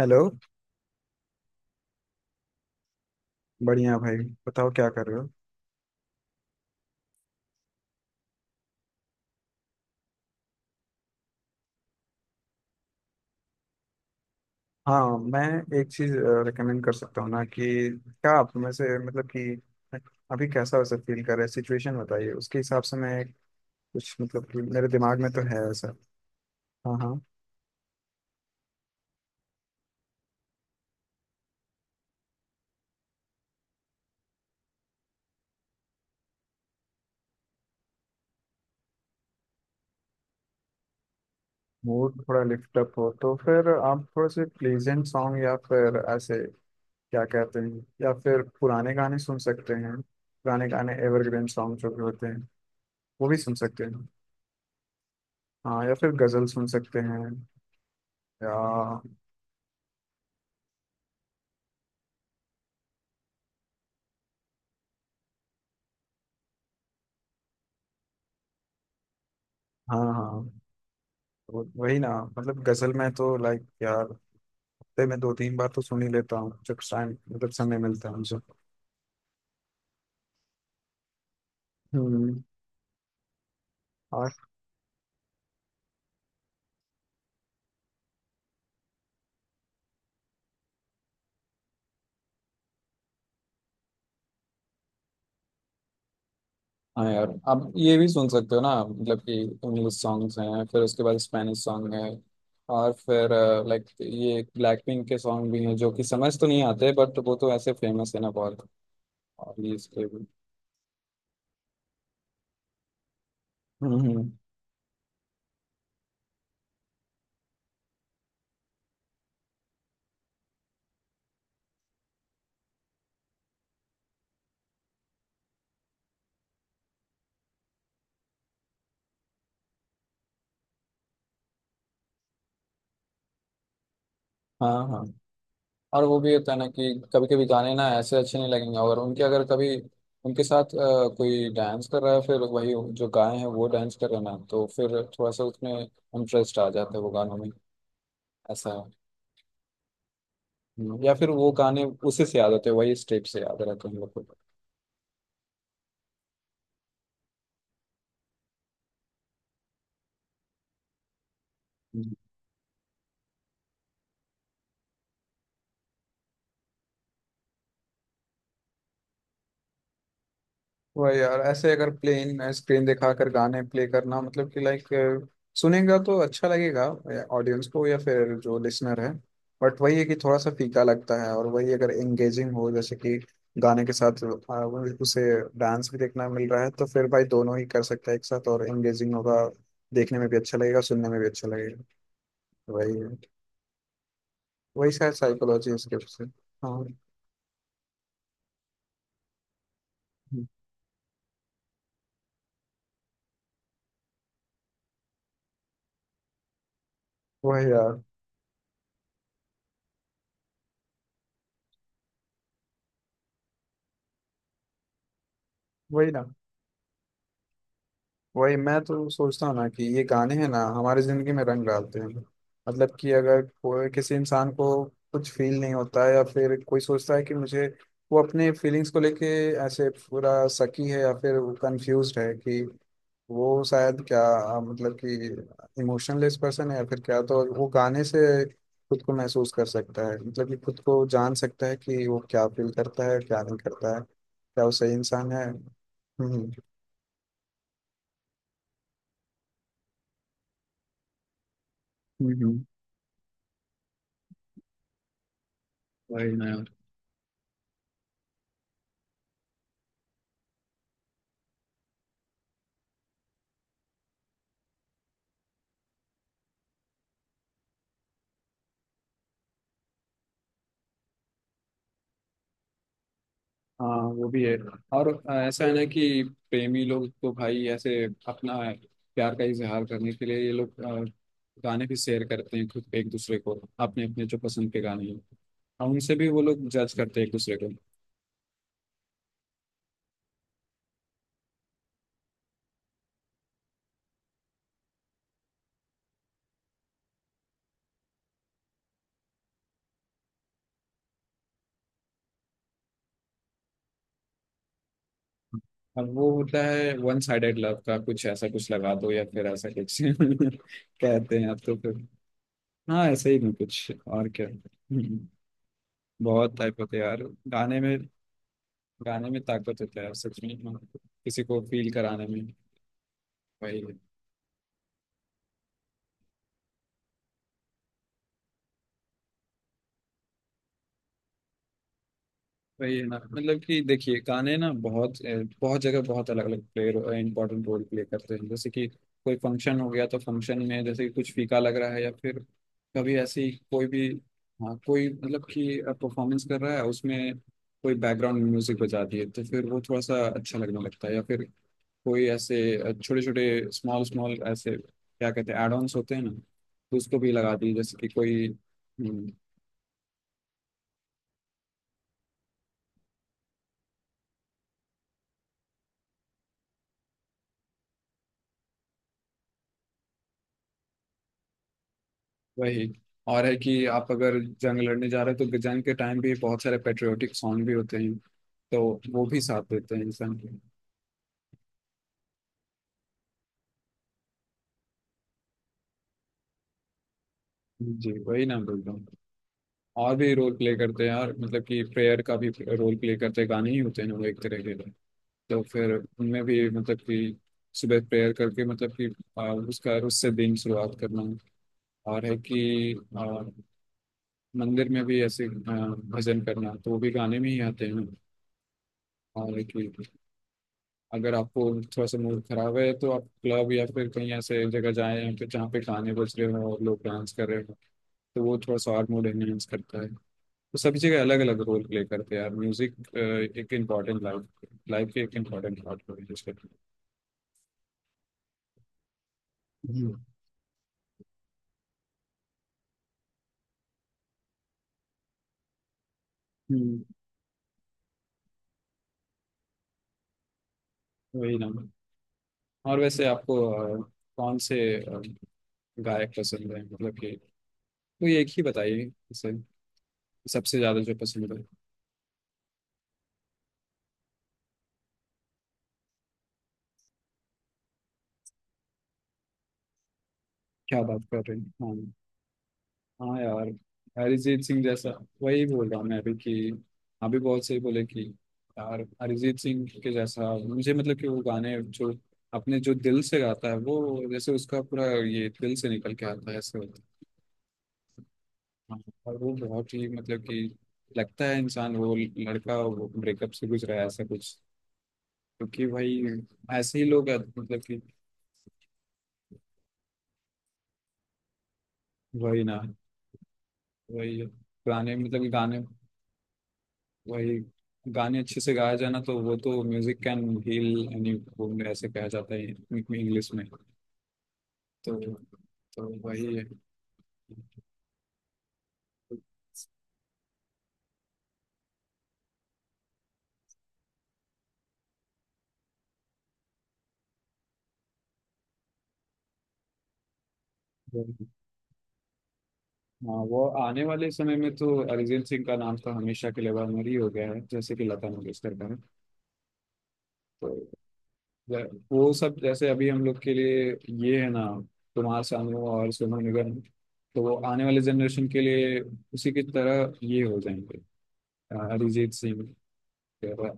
Hello. बढ़िया भाई। बताओ क्या कर रहे हो। हाँ, मैं एक चीज़ रिकमेंड कर सकता हूँ ना कि क्या आप में से मतलब कि अभी कैसा वैसा फील कर रहे हैं, सिचुएशन बताइए। उसके हिसाब से मैं कुछ, मतलब कि मेरे दिमाग में तो है ऐसा। हाँ हाँ। मूड थोड़ा लिफ्ट अप हो तो फिर आप थोड़े से प्लीजेंट सॉन्ग या फिर ऐसे क्या कहते हैं, या फिर पुराने गाने सुन सकते हैं। पुराने गाने एवरग्रीन सॉन्ग जो भी होते हैं वो भी सुन सकते हैं। हाँ, या फिर गज़ल सुन सकते हैं, या हाँ हाँ वही ना। मतलब गजल में तो लाइक यार हफ्ते में दो तीन बार तो सुन ही लेता हूँ जब टाइम, मतलब समय मिलता है मुझे। हम्म। और हाँ यार, आप ये भी सुन सकते हो ना, मतलब कि इंग्लिश सॉन्ग्स हैं, फिर उसके बाद स्पेनिश सॉन्ग है और फिर लाइक ये ब्लैक पिंक के सॉन्ग भी हैं जो कि समझ तो नहीं आते बट वो तो ऐसे फेमस है ना बहुत। और ये इसके भी। हम्म हम्म, हाँ हाँ, और वो भी होता है ना कि कभी कभी गाने ना ऐसे अच्छे नहीं लगेंगे, और उनके अगर कभी उनके साथ कोई डांस कर रहा है, फिर वही जो गाए हैं वो डांस कर रहे हैं ना तो फिर थोड़ा सा उसमें इंटरेस्ट आ जाता है वो गानों में। ऐसा है। या फिर वो गाने उसी से याद होते हैं, वही स्टेप से याद रहते हैं हम लोग को। वही यार, ऐसे अगर प्लेन स्क्रीन दिखा कर गाने प्ले करना, मतलब कि लाइक सुनेगा तो अच्छा लगेगा ऑडियंस को या फिर जो लिसनर है, बट वही है कि थोड़ा सा फीका लगता है। और वही अगर एंगेजिंग हो जैसे कि गाने के साथ उसे डांस भी देखना मिल रहा है तो फिर भाई दोनों ही कर सकता है एक साथ, और एंगेजिंग होगा, देखने में भी अच्छा लगेगा, सुनने में भी अच्छा लगेगा। वही है। वही शायद साइकोलॉजी इसके पीछे। हाँ। वही यार। वही ना। वही, मैं तो सोचता हूँ ना कि ये गाने हैं ना हमारी जिंदगी में रंग डालते हैं। मतलब कि अगर कोई किसी इंसान को कुछ फील नहीं होता है या फिर कोई सोचता है कि मुझे वो अपने फीलिंग्स को लेके ऐसे पूरा सकी है या फिर वो कंफ्यूज्ड है कि वो शायद क्या, मतलब कि इमोशनलेस पर्सन है या फिर क्या, तो वो गाने से खुद को महसूस कर सकता है, मतलब कि खुद को जान सकता है कि वो क्या फील करता है क्या नहीं करता है, क्या वो सही इंसान है। हम्म हम्म। वही ना। हाँ वो भी है। और ऐसा है ना कि प्रेमी लोग तो भाई ऐसे अपना प्यार का इजहार करने के लिए ये लोग गाने भी शेयर करते हैं खुद एक दूसरे को, अपने अपने जो पसंद के गाने हैं। और उनसे भी वो लोग जज करते हैं एक दूसरे को। अब वो होता है वन साइडेड लव का, कुछ ऐसा कुछ लगा दो या फिर ऐसा कुछ कहते हैं अब तो फिर। हाँ ऐसे ही नहीं, कुछ और क्या बहुत टाइप होते हैं यार गाने में। गाने में ताकत होता है सच में, किसी को फील कराने में। वही है। वही है ना, मतलब कि देखिए गाने ना बहुत बहुत जगह बहुत अलग अलग प्ले इंपॉर्टेंट रोल प्ले करते हैं। जैसे कि कोई फंक्शन हो गया तो फंक्शन में जैसे कि कुछ फीका लग रहा है या फिर कभी ऐसी कोई भी, हाँ कोई, मतलब कि परफॉर्मेंस कर रहा है उसमें कोई बैकग्राउंड म्यूजिक बजा दिए तो फिर वो थोड़ा सा अच्छा लगने लगता है। या फिर कोई ऐसे छोटे छोटे स्मॉल स्मॉल ऐसे क्या कहते हैं एड ऑन्स होते हैं ना, तो उसको भी लगा दिए जैसे कि कोई। वही, और है कि आप अगर जंग लड़ने जा रहे हो तो जंग के टाइम भी बहुत सारे पेट्रियोटिक सॉन्ग भी होते हैं, तो वो भी साथ देते हैं इंसान के। जी वही ना बोल रहा हूँ। और भी रोल प्ले करते हैं, और मतलब कि प्रेयर का भी रोल प्ले करते हैं, गाने ही होते हैं ना वो एक तरह के। तो फिर उनमें भी मतलब कि सुबह प्रेयर करके, मतलब कि उसका उससे दिन शुरुआत करना। और है कि मंदिर में भी ऐसे भजन करना, तो वो भी गाने में ही आते हैं। और है कि अगर आपको थोड़ा सा मूड खराब है तो आप क्लब या फिर कहीं ऐसे जगह जाएं या फिर जहाँ पे गाने बज रहे हो और लोग डांस कर रहे हो, तो वो थोड़ा सा और मूड एनहेंस करता है। तो सभी जगह अलग अलग रोल प्ले करते हैं यार म्यूजिक। एक इम्पॉर्टेंट लाइफ लाइफ की एक इम्पॉर्टेंट पार्ट हो गई जिसके। हम्म। हम्म, वही ना। और वैसे आपको अ, कौन से गायक पसंद है, मतलब कि तो एक ही बताइए इसे, सबसे ज्यादा जो पसंद है। क्या बात कर रहे हैं। हाँ। हाँ यार, अरिजीत सिंह जैसा। वही बोल रहा हूँ मैं अभी कि अभी बहुत सही बोले कि यार अरिजीत सिंह के जैसा, मुझे मतलब कि वो गाने जो अपने जो दिल से गाता है वो जैसे उसका पूरा ये दिल से निकल के आता है ऐसे होता है। हाँ, और वो बहुत ही मतलब कि लगता है इंसान वो लड़का ब्रेकअप से गुजरा है ऐसा कुछ, क्योंकि वही ऐसे ही लोग हैं, मतलब कि वही ना। वही पुराने मतलब गाने। वही, गाने अच्छे से गाया जाए ना तो वो तो music can heal any wound, ऐसे कहा जाता है इंग्लिश में, तो तो वही है। हाँ वो आने वाले समय में तो अरिजीत सिंह का नाम तो हमेशा के लिए अमर ही हो गया है जैसे कि लता मंगेशकर का है। तो वो सब जैसे अभी हम लोग के लिए ये है ना कुमार सानू और सोनू निगम, तो वो आने वाले जनरेशन के लिए उसी की तरह ये हो जाएंगे, अरिजीत सिंह।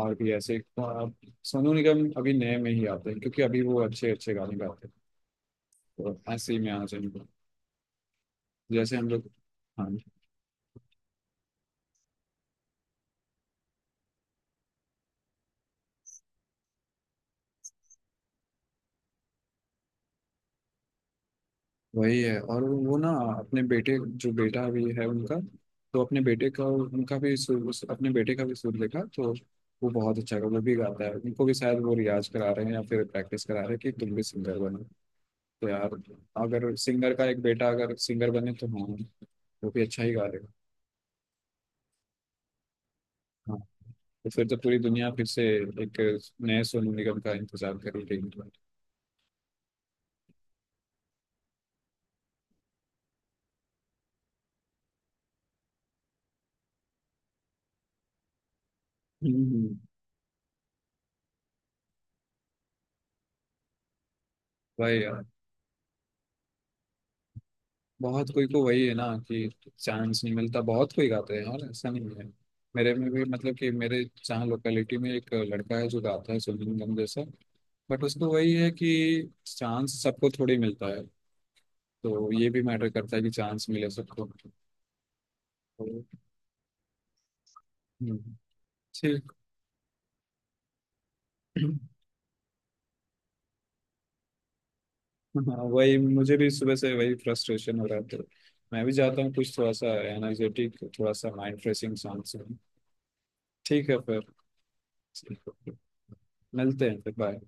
और भी ऐसे सोनू निगम अभी नए में ही आते हैं क्योंकि अभी वो अच्छे अच्छे गाने गाते हैं, तो ऐसे ही में आना चाहिए उनको। जैसे हम लोग। हाँ वही है। और वो ना अपने बेटे, जो बेटा अभी है उनका, तो अपने बेटे का उनका भी सुर, अपने बेटे का भी सुर देखा तो वो बहुत अच्छा वो भी गाता है। उनको भी शायद वो रियाज करा रहे हैं या फिर प्रैक्टिस करा रहे हैं कि तुम भी सिंगर बनो। तो यार, अगर सिंगर का एक बेटा अगर सिंगर बने तो हाँ वो भी अच्छा ही गा लेगा। तो फिर तो पूरी दुनिया फिर से एक नए सोनू निगम का इंतजार कर रही है। हम्म, वही यार, बहुत कोई को वही है ना कि चांस नहीं मिलता। बहुत कोई गाते हैं और ऐसा नहीं है, मेरे में भी मतलब कि मेरे जहाँ लोकेलिटी में एक लड़का है जो गाता है सोनू निगम जैसा, बट उसको वही है कि चांस सबको थोड़ी मिलता है। तो ये भी मैटर करता है कि चांस मिले सबको। तो, हम्म, ठीक। हाँ वही मुझे भी सुबह से वही फ्रस्ट्रेशन हो रहा था। मैं भी चाहता हूँ कुछ थोड़ा सा एनर्जेटिक थोड़ा सा माइंड फ्रेशिंग सॉन्ग सुन। ठीक है फिर, मिलते हैं फिर, बाय।